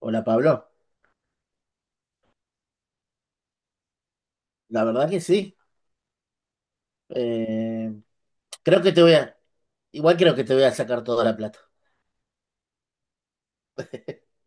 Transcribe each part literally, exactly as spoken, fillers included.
Hola Pablo, la verdad que sí. Eh, creo que te voy a, igual creo que te voy a sacar toda la plata.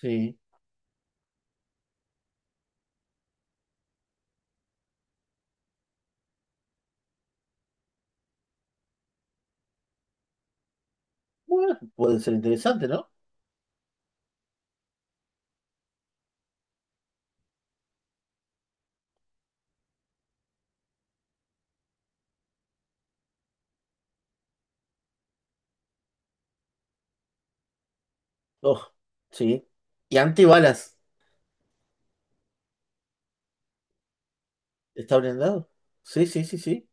Sí. Bueno, puede ser interesante, ¿no? Oh, sí. Y antibalas, ¿está blindado? Sí, sí, sí, sí.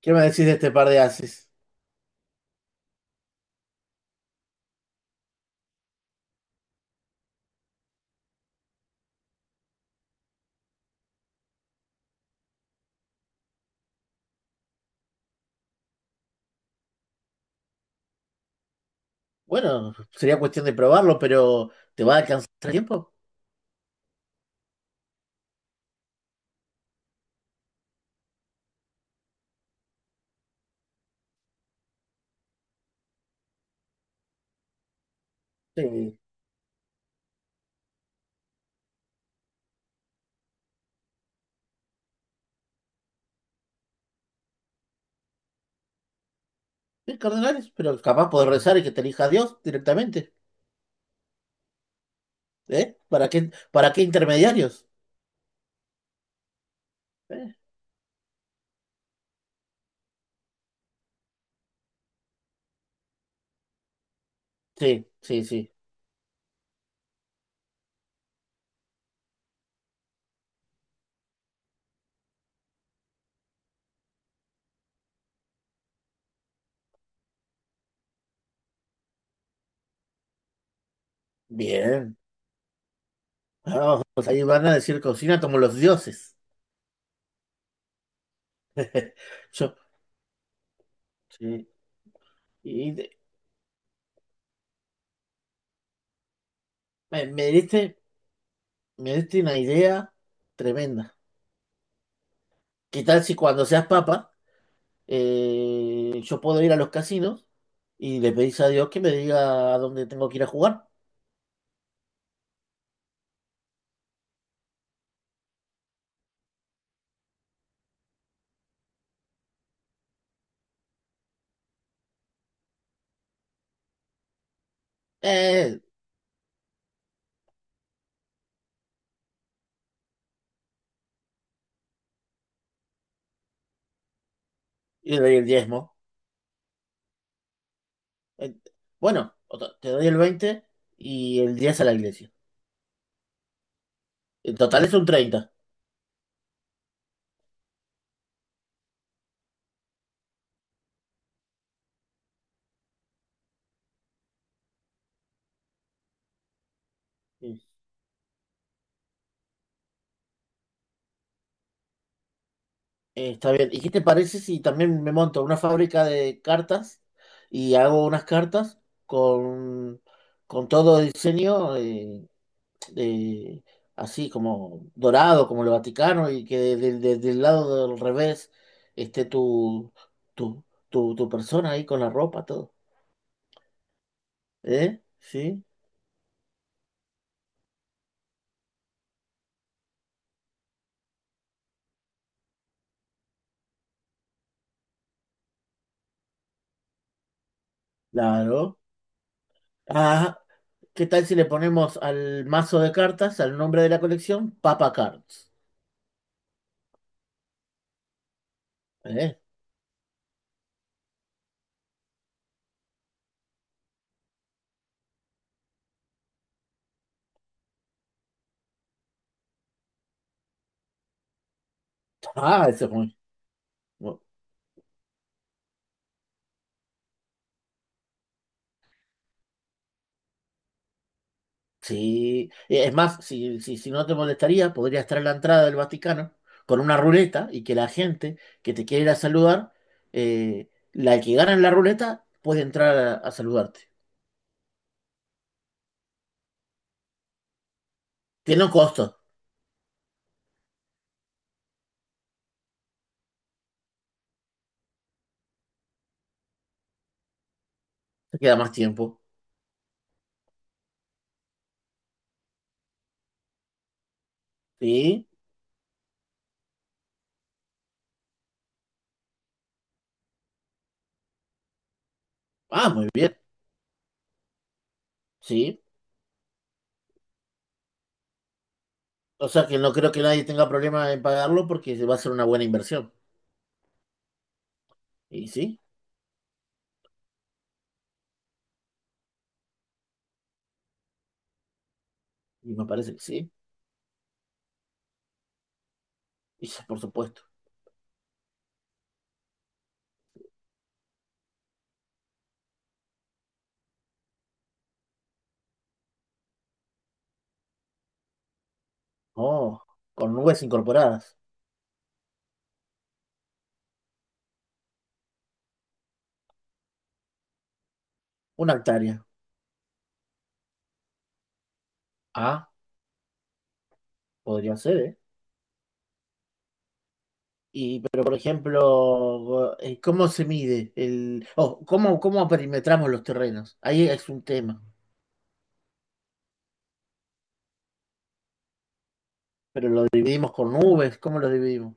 ¿Qué me decís de este par de ases? Bueno, sería cuestión de probarlo, pero ¿te va a alcanzar el tiempo? Sí. Sí, cardenales, pero capaz podés rezar y que te elija Dios directamente. ¿Eh? ¿Para qué, para qué intermediarios? ¿Eh? Sí, sí, sí. Bien. Ah, pues ahí van a decir cocina como los dioses. Yo, sí. Y de- me, me diste, me diste una idea tremenda. ¿Qué tal si cuando seas papa, eh, yo puedo ir a los casinos y le pedís a Dios que me diga a dónde tengo que ir a jugar? Eh, y le doy el diezmo. Eh, bueno, o to- te doy el veinte y el diez a la iglesia. En total es un treinta. Eh, está bien. ¿Y qué te parece si también me monto una fábrica de cartas y hago unas cartas con, con todo el diseño eh, de- así como dorado, como el Vaticano, y que de- de- de- del lado del revés esté tu, tu, tu, tu persona ahí con la ropa, todo? ¿Eh? ¿Sí? Claro. Ah, ¿qué tal si le ponemos al mazo de cartas, al nombre de la colección, Papa Cards? ¿Eh? Ah, eso es muy. Sí, eh, es más, si, si, si no te molestaría, podría estar en la entrada del Vaticano con una ruleta y que la gente que te quiere ir a saludar, eh, la que gana en la ruleta, puede entrar a, a saludarte. Tiene un costo, te queda más tiempo. Sí, ah, muy bien, sí. O sea que no creo que nadie tenga problema en pagarlo porque va a ser una buena inversión. Y sí, y me parece que sí, y sí, por supuesto. Oh, con nubes incorporadas, una hectárea. Ah, podría ser, ¿eh? Y, pero por ejemplo, eh, ¿cómo se mide el, o cómo, cómo perimetramos los terrenos? Ahí es un tema. Pero lo dividimos con nubes, ¿cómo lo dividimos?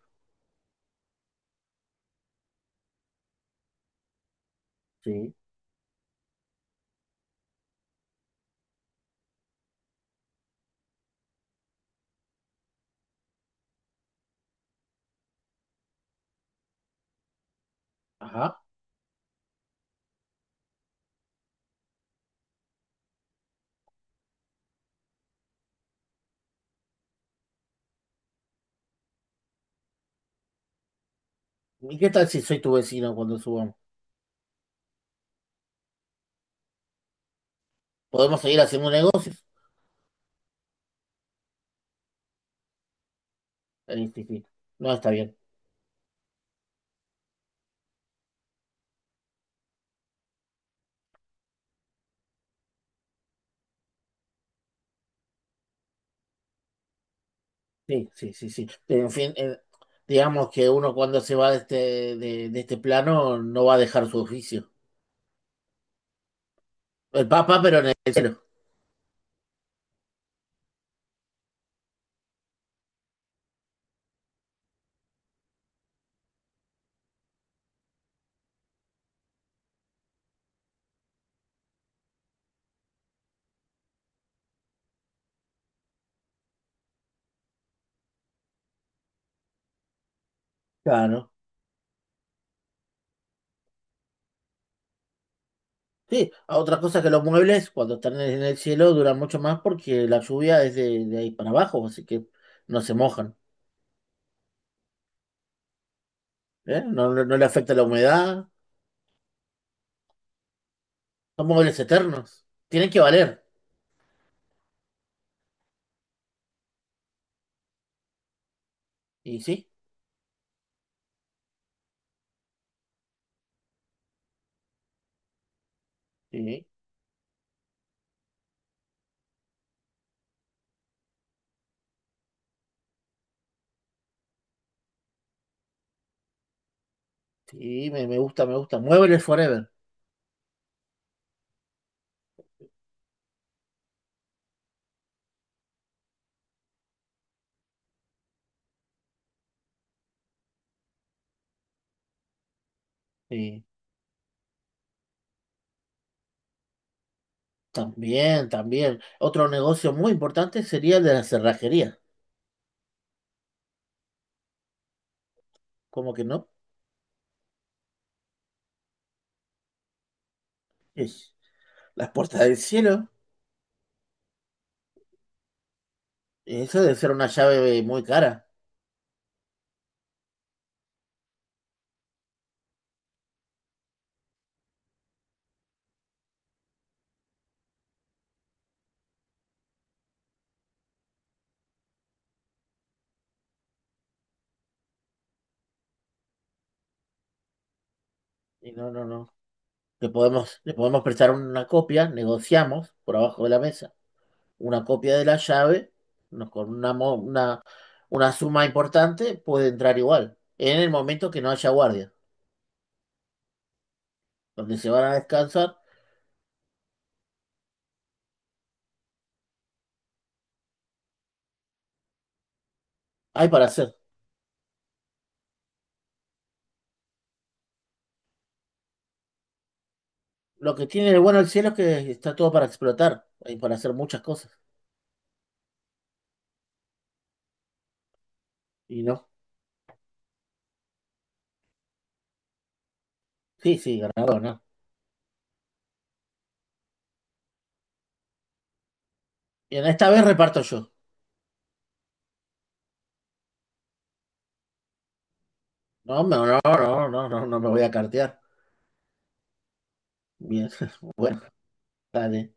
Sí. Ajá. ¿Y qué tal si soy tu vecino cuando subamos? ¿Podemos seguir haciendo un negocio? Eh, sí, sí. No, está bien. Sí, sí, sí, sí. Pero, en fin, eh, digamos que uno cuando se va de este, de, de este plano no va a dejar su oficio. El papa, pero en el cielo. Claro. Sí, a otra cosa que los muebles cuando están en el cielo duran mucho más porque la lluvia es de, de ahí para abajo, así que no se mojan, ¿eh? No, no, no le afecta la humedad, son muebles eternos, tienen que valer. Y sí, sí, sí, me, me gusta, me gusta. Muebles forever. Sí, también, también. Otro negocio muy importante sería el de la cerrajería, como que no? Es, las puertas del cielo, eso debe ser una llave muy cara. Y no, no, no. le podemos, le podemos prestar una copia, negociamos por abajo de la mesa una copia de la llave, nos- con una, una, una suma importante, puede entrar igual. En el momento que no haya guardia, donde se van a descansar, hay para hacer. Lo que tiene de bueno el cielo es que está todo para explotar, hay para hacer muchas cosas. Y no, sí, sí, ganador, ¿no? Y en esta vez reparto yo. No, no, no, no, no, no, no me voy a cartear. Bien, bueno, dale.